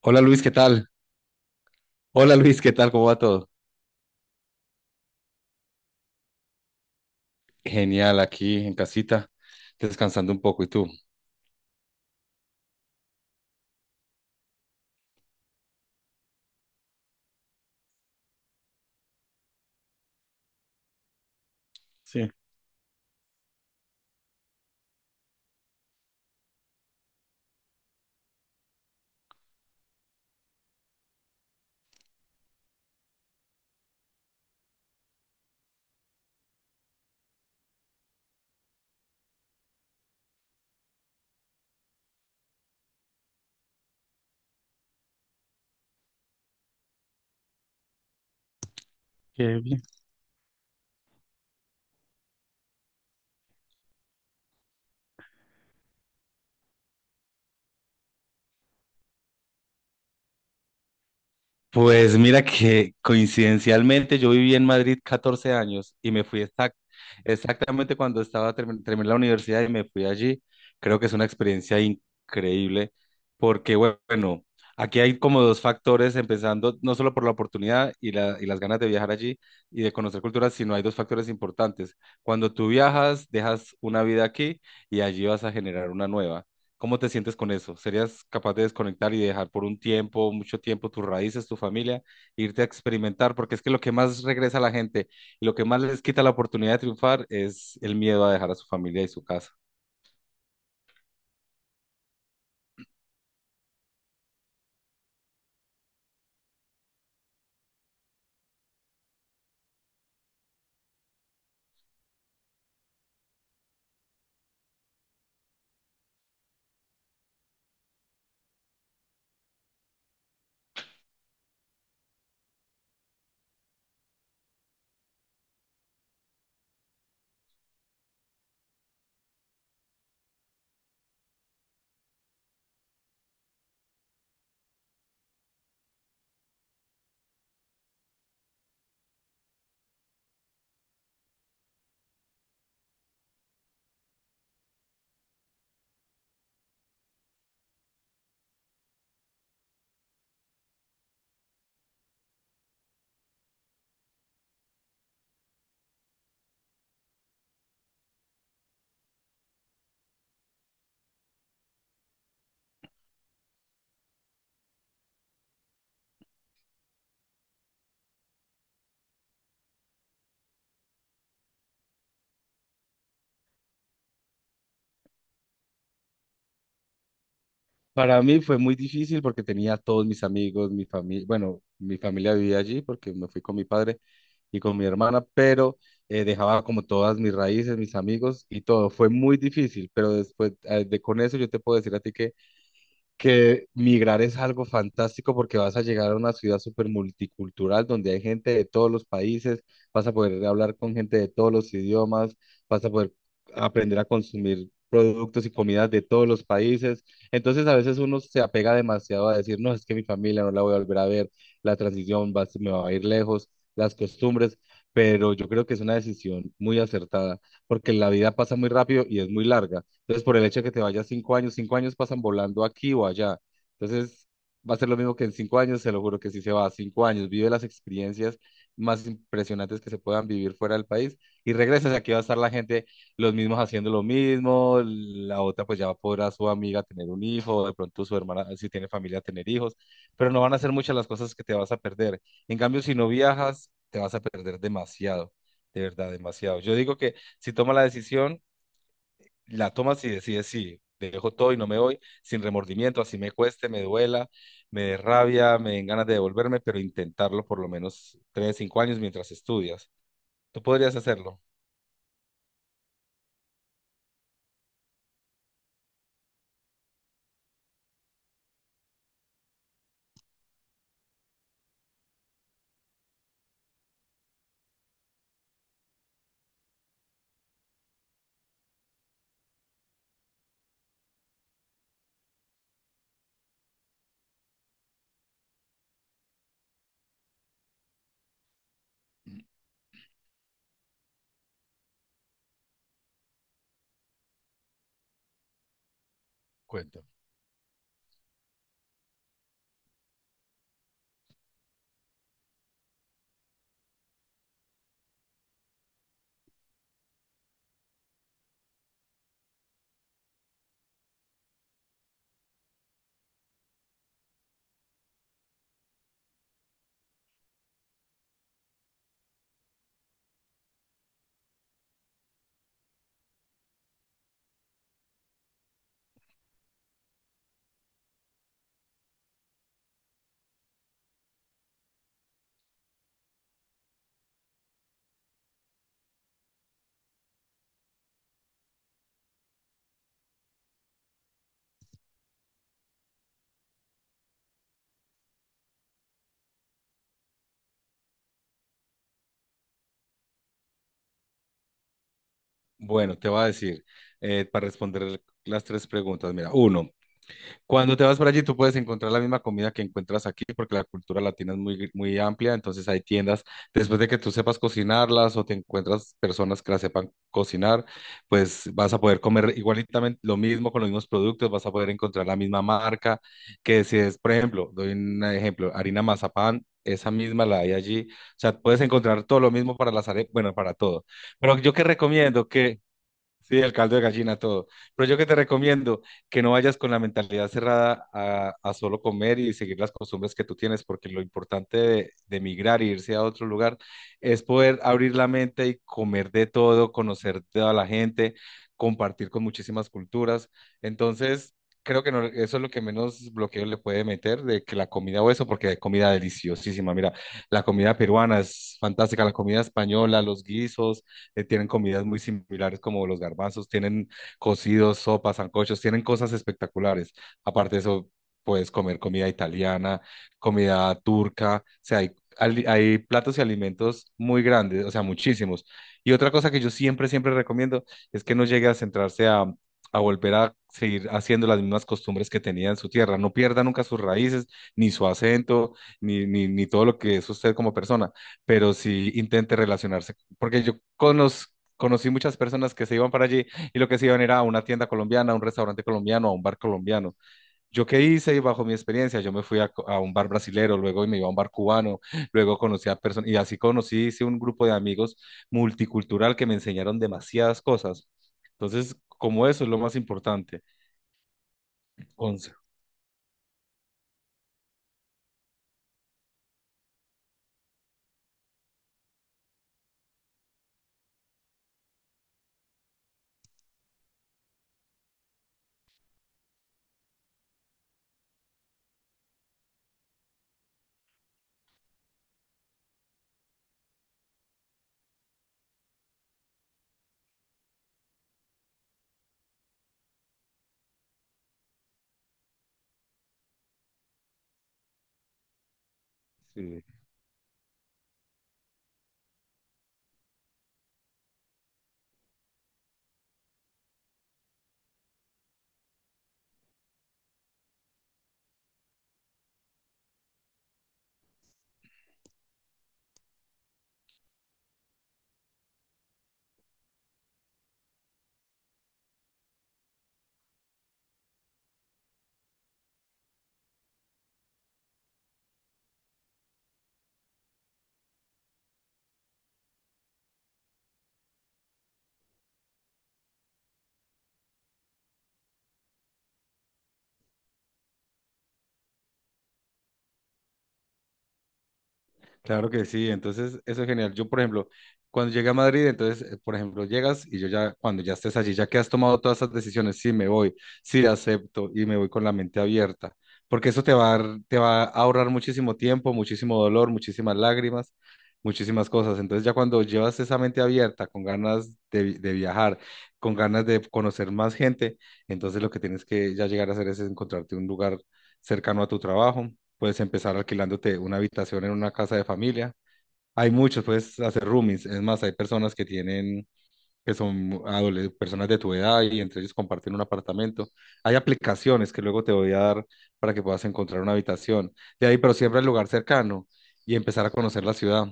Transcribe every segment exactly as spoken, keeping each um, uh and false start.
Hola Luis, ¿qué tal? Hola Luis, ¿qué tal? ¿Cómo va todo? Genial, aquí en casita, descansando un poco. ¿Y tú? Sí, qué bien. Pues mira que coincidencialmente yo viví en Madrid catorce años y me fui exact- exactamente cuando estaba termi- terminé la universidad y me fui allí. Creo que es una experiencia increíble porque bueno, aquí hay como dos factores, empezando no solo por la oportunidad y, la- y las ganas de viajar allí y de conocer culturas, sino hay dos factores importantes. Cuando tú viajas, dejas una vida aquí y allí vas a generar una nueva. ¿Cómo te sientes con eso? ¿Serías capaz de desconectar y dejar por un tiempo, mucho tiempo, tus raíces, tu familia, e irte a experimentar? Porque es que lo que más regresa a la gente y lo que más les quita la oportunidad de triunfar es el miedo a dejar a su familia y su casa. Para mí fue muy difícil porque tenía a todos mis amigos, mi familia, bueno, mi familia vivía allí porque me fui con mi padre y con mi hermana, pero eh, dejaba como todas mis raíces, mis amigos y todo. Fue muy difícil, pero después eh, de con eso yo te puedo decir a ti que que migrar es algo fantástico porque vas a llegar a una ciudad súper multicultural donde hay gente de todos los países, vas a poder hablar con gente de todos los idiomas, vas a poder aprender a consumir productos y comidas de todos los países. Entonces a veces uno se apega demasiado a decir, no, es que mi familia no la voy a volver a ver, la transición va, se me va a ir lejos, las costumbres, pero yo creo que es una decisión muy acertada porque la vida pasa muy rápido y es muy larga. Entonces, por el hecho de que te vayas cinco años, cinco años pasan volando aquí o allá. Entonces, va a ser lo mismo que en cinco años, se lo juro que sí se va, cinco años, vive las experiencias más impresionantes que se puedan vivir fuera del país y regresas, aquí va a estar la gente, los mismos haciendo lo mismo, la otra pues ya podrá su amiga tener un hijo, o de pronto su hermana, si tiene familia, tener hijos, pero no van a ser muchas las cosas que te vas a perder. En cambio, si no viajas, te vas a perder demasiado, de verdad, demasiado. Yo digo que si toma la decisión la tomas y decides, sí, dejo todo y no me voy, sin remordimiento, así me cueste, me duela, me dé rabia, me den ganas de devolverme, pero intentarlo por lo menos tres, cinco años mientras estudias. ¿Tú podrías hacerlo? Cuéntame. Bueno, te voy a decir, eh, para responder las tres preguntas, mira, uno, cuando te vas para allí, tú puedes encontrar la misma comida que encuentras aquí, porque la cultura latina es muy, muy amplia, entonces hay tiendas, después de que tú sepas cocinarlas o te encuentras personas que las sepan cocinar, pues vas a poder comer igualitamente lo mismo con los mismos productos, vas a poder encontrar la misma marca, que si es, por ejemplo, doy un ejemplo, harina mazapán, esa misma la hay allí, o sea, puedes encontrar todo lo mismo para las arepas, bueno, para todo. Pero yo que recomiendo que... Sí, el caldo de gallina, todo. Pero yo que te recomiendo que no vayas con la mentalidad cerrada a, a solo comer y seguir las costumbres que tú tienes, porque lo importante de, de migrar e irse a otro lugar es poder abrir la mente y comer de todo, conocer toda la gente, compartir con muchísimas culturas. Entonces, creo que no- eso es lo que menos bloqueo le puede meter de que la comida o eso, porque hay comida deliciosísima. Mira, la comida peruana es fantástica, la comida española, los guisos eh, tienen comidas muy similares como los garbanzos, tienen cocidos, sopas, sancochos, tienen cosas espectaculares. Aparte de eso, puedes comer comida italiana, comida turca, o sea, hay, ali- hay platos y alimentos muy grandes, o sea, muchísimos. Y otra cosa que yo siempre, siempre recomiendo es que no llegue a centrarse a, a volver a seguir haciendo las mismas costumbres que tenía en su tierra. No pierda nunca sus raíces, ni su acento, ni, ni, ni todo lo que es usted como persona, pero sí intente relacionarse porque yo conoz- conocí muchas personas que se iban para allí y lo que se iban era a una tienda colombiana, a un restaurante colombiano, a un bar colombiano. ¿Yo qué hice? Y bajo mi experiencia, yo me fui a, co- a un bar brasilero, luego me iba a un bar cubano, luego conocí a personas, y así conocí, hice un grupo de amigos multicultural que me enseñaron demasiadas cosas. Entonces, como eso es lo más importante. Once. Claro que sí, entonces eso es genial. Yo, por ejemplo, cuando llegué a Madrid, entonces, eh, por ejemplo, llegas y yo ya, cuando ya estés allí, ya que has tomado todas esas decisiones, sí me voy, sí acepto y me voy con la mente abierta, porque eso te va a, dar- te va a ahorrar muchísimo tiempo, muchísimo dolor, muchísimas lágrimas, muchísimas cosas. Entonces ya cuando llevas esa mente abierta, con ganas de, vi- de viajar, con ganas de conocer más gente, entonces lo que tienes que ya llegar a hacer es encontrarte un lugar cercano a tu trabajo. Puedes empezar alquilándote una habitación en una casa de familia. Hay muchos, puedes hacer roomies. Es más, hay personas que tienen que son adole- personas de tu edad y entre ellos comparten un apartamento. Hay aplicaciones que luego te voy a dar para que puedas encontrar una habitación de ahí, pero siempre al lugar cercano y empezar a conocer la ciudad.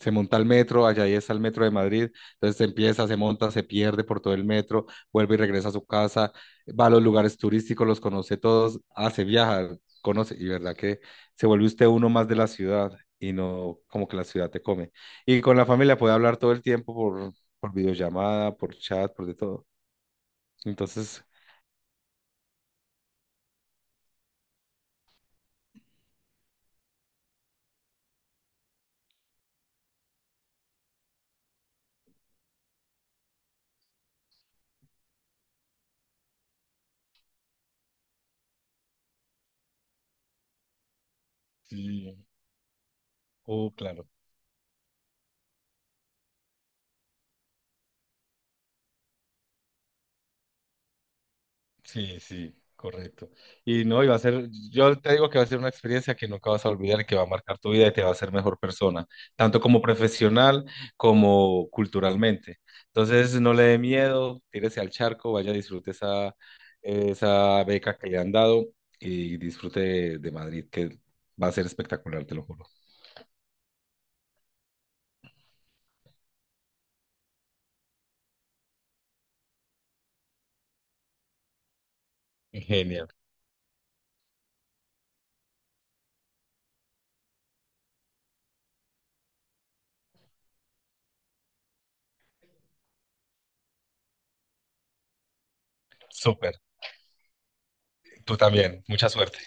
Se monta el metro, allá ahí está el metro de Madrid, entonces se empieza, se monta, se pierde por todo el metro, vuelve y regresa a su casa, va a los lugares turísticos, los conoce todos, hace viajar, conoce, y verdad que se vuelve usted uno más de la ciudad y no como que la ciudad te come. Y con la familia puede hablar todo el tiempo por videollamada, por chat, por de todo. Entonces, sí, oh, claro, sí, sí, correcto. Y no, y va a ser, yo te digo que va a ser una experiencia que nunca vas a olvidar, y que va a marcar tu vida y te va a hacer mejor persona, tanto como profesional como culturalmente. Entonces, no le dé miedo, tírese al charco, vaya, disfrute esa, esa beca que le han dado y disfrute de, de Madrid, que va a ser espectacular, te lo juro. Genial, súper. Tú también, mucha suerte.